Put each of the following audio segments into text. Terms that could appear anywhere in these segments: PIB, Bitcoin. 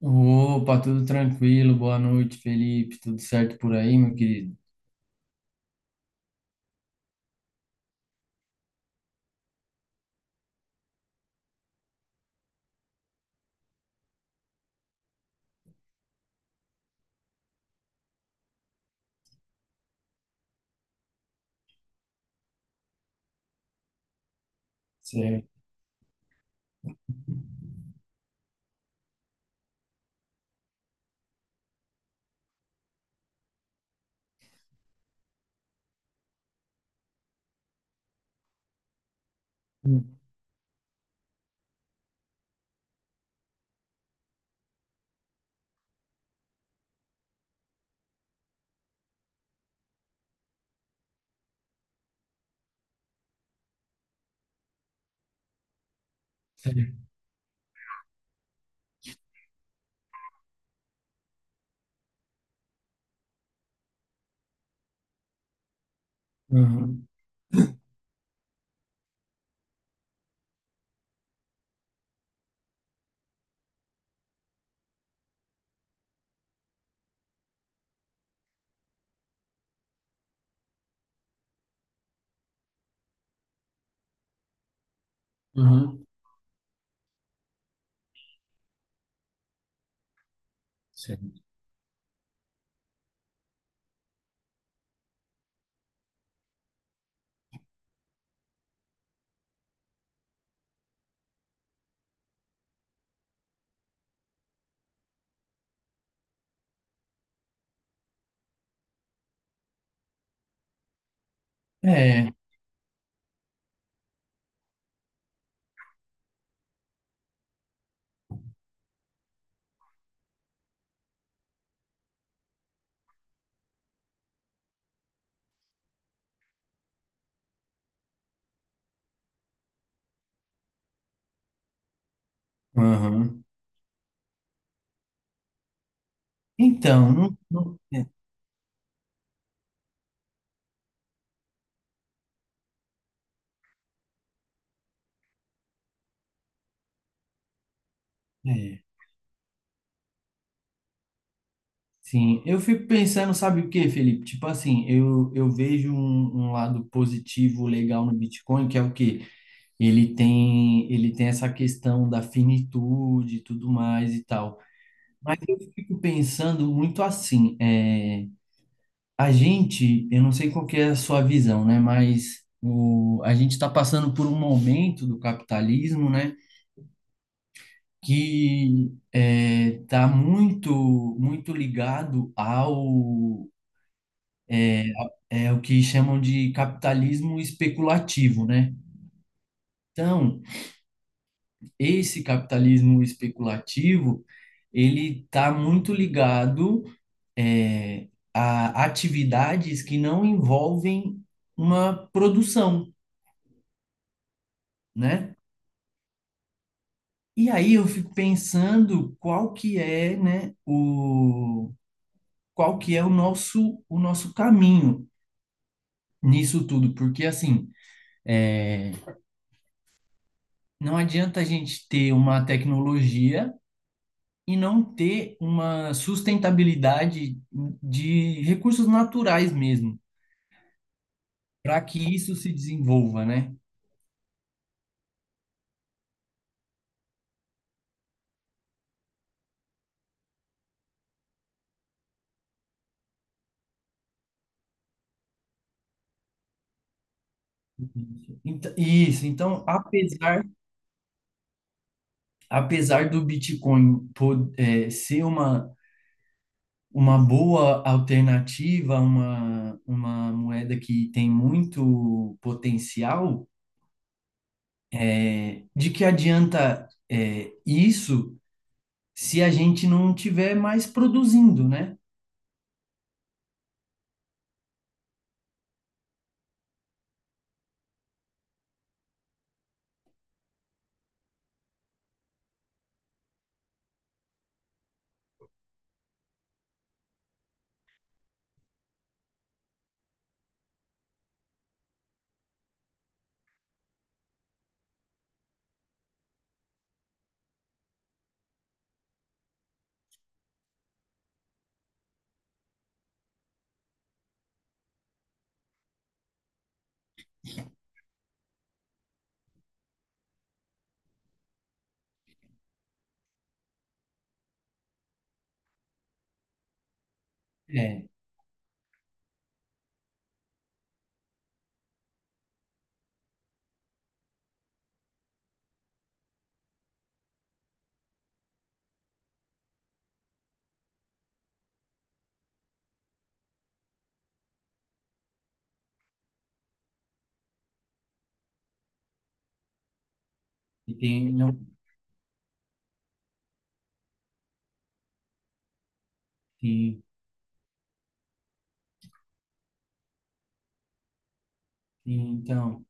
Opa, tudo tranquilo, boa noite, Felipe. Tudo certo por aí, meu querido? Certo. Hum. Certo. Uhum. Uhum. Certo. É, uhum. Então, é, sim, eu fico pensando, sabe o que, Felipe? Tipo assim, eu vejo um lado positivo legal no Bitcoin, que é o quê? Ele tem essa questão da finitude e tudo mais e tal. Mas eu fico pensando muito assim. A gente, eu não sei qual que é a sua visão, né? Mas a gente está passando por um momento do capitalismo, né? Que está muito, muito ligado ao. O que chamam de capitalismo especulativo, né? Então, esse capitalismo especulativo, ele está muito ligado é, a atividades que não envolvem uma produção, né? E aí eu fico pensando qual que é o nosso caminho nisso tudo, porque assim, não adianta a gente ter uma tecnologia e não ter uma sustentabilidade de recursos naturais mesmo, para que isso se desenvolva, né? Isso, então, apesar do Bitcoin ser uma boa alternativa, uma moeda que tem muito potencial, de que adianta isso se a gente não tiver mais produzindo, né? É, e tem, não, tem, então,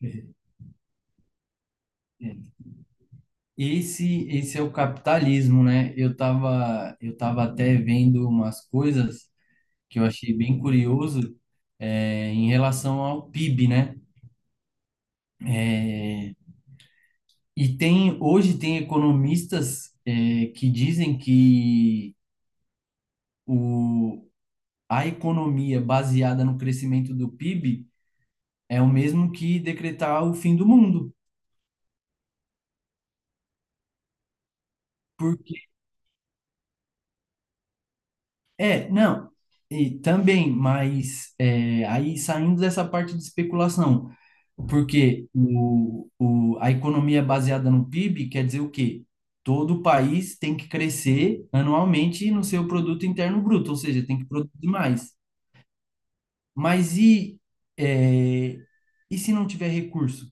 é, é. Esse é o capitalismo, né? Eu tava até vendo umas coisas que eu achei bem curioso, em relação ao PIB, né? É, e tem hoje tem economistas que dizem que o, a economia baseada no crescimento do PIB é o mesmo que decretar o fim do mundo. Porque não, e também, mas aí saindo dessa parte de especulação, porque a economia baseada no PIB quer dizer o quê? Todo país tem que crescer anualmente no seu produto interno bruto, ou seja, tem que produzir mais. Mas é, e se não tiver recurso?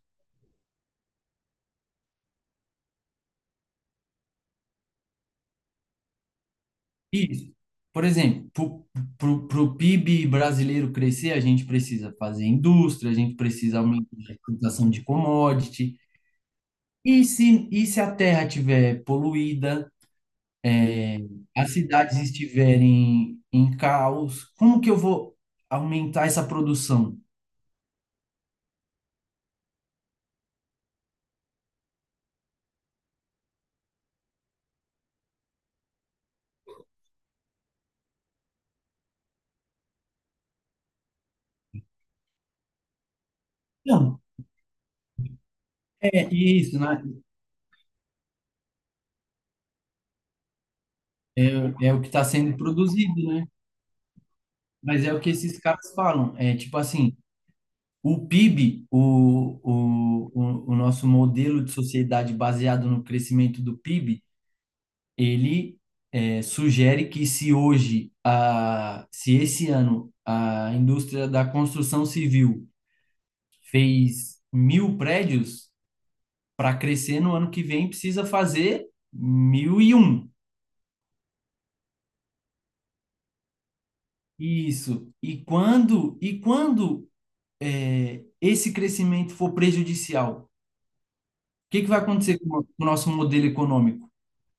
Isso. Por exemplo, para o PIB brasileiro crescer, a gente precisa fazer indústria, a gente precisa aumentar a exportação de commodity. E se a terra estiver poluída, as cidades estiverem em caos, como que eu vou aumentar essa produção? Não, é isso, né? É, é o que está sendo produzido, né? Mas é o que esses caras falam. É tipo assim, o PIB, o, o nosso modelo de sociedade baseado no crescimento do PIB, ele sugere que se hoje, se esse ano a indústria da construção civil fez mil prédios, para crescer no ano que vem precisa fazer mil e um. Isso. E quando esse crescimento for prejudicial, o que que vai acontecer com o nosso modelo econômico?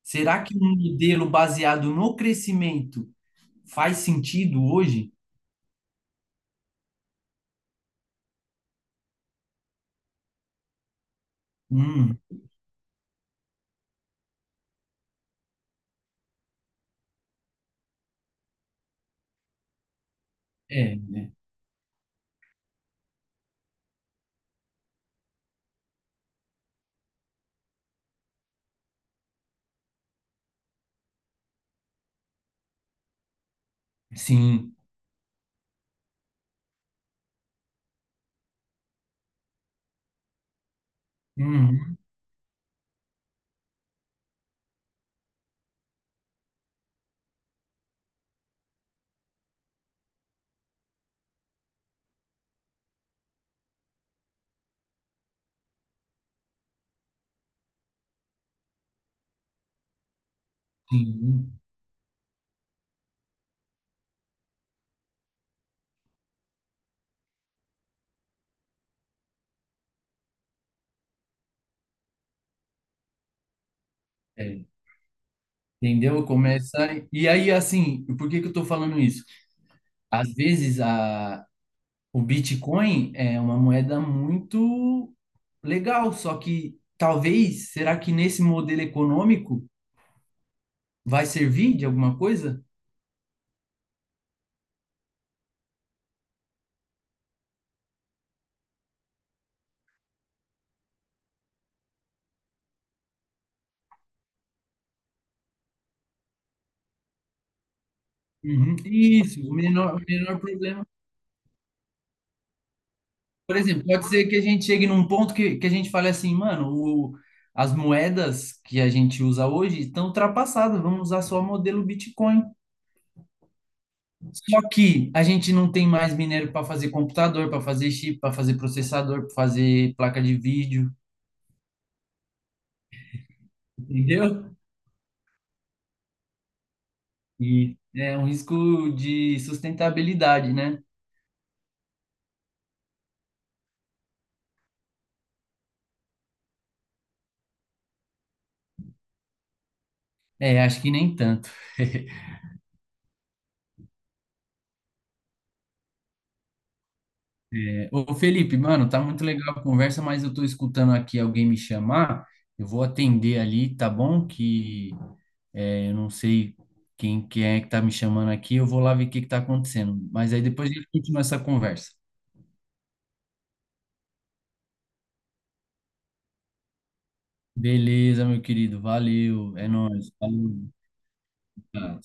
Será que um modelo baseado no crescimento faz sentido hoje? Hum, é, sim. Uhum, sim, é. Entendeu? Começa. E aí, assim, por que que eu estou falando isso? Às vezes, o Bitcoin é uma moeda muito legal, só que talvez, será que nesse modelo econômico vai servir de alguma coisa? Uhum, isso, o menor problema. Por exemplo, pode ser que a gente chegue num ponto que a gente fale assim, mano, as moedas que a gente usa hoje estão ultrapassadas, vamos usar só o modelo Bitcoin. Só que a gente não tem mais minério para fazer computador, para fazer chip, para fazer processador, para fazer placa de vídeo, entendeu? E é um risco de sustentabilidade, né? É, acho que nem tanto. Ô Felipe, mano, tá muito legal a conversa, mas eu tô escutando aqui alguém me chamar. Eu vou atender ali, tá bom? Que eu não sei quem é que tá me chamando aqui. Eu vou lá ver o que que tá acontecendo. Mas aí depois a gente continua essa conversa. Beleza, meu querido. Valeu. É nóis. Falou. Tá.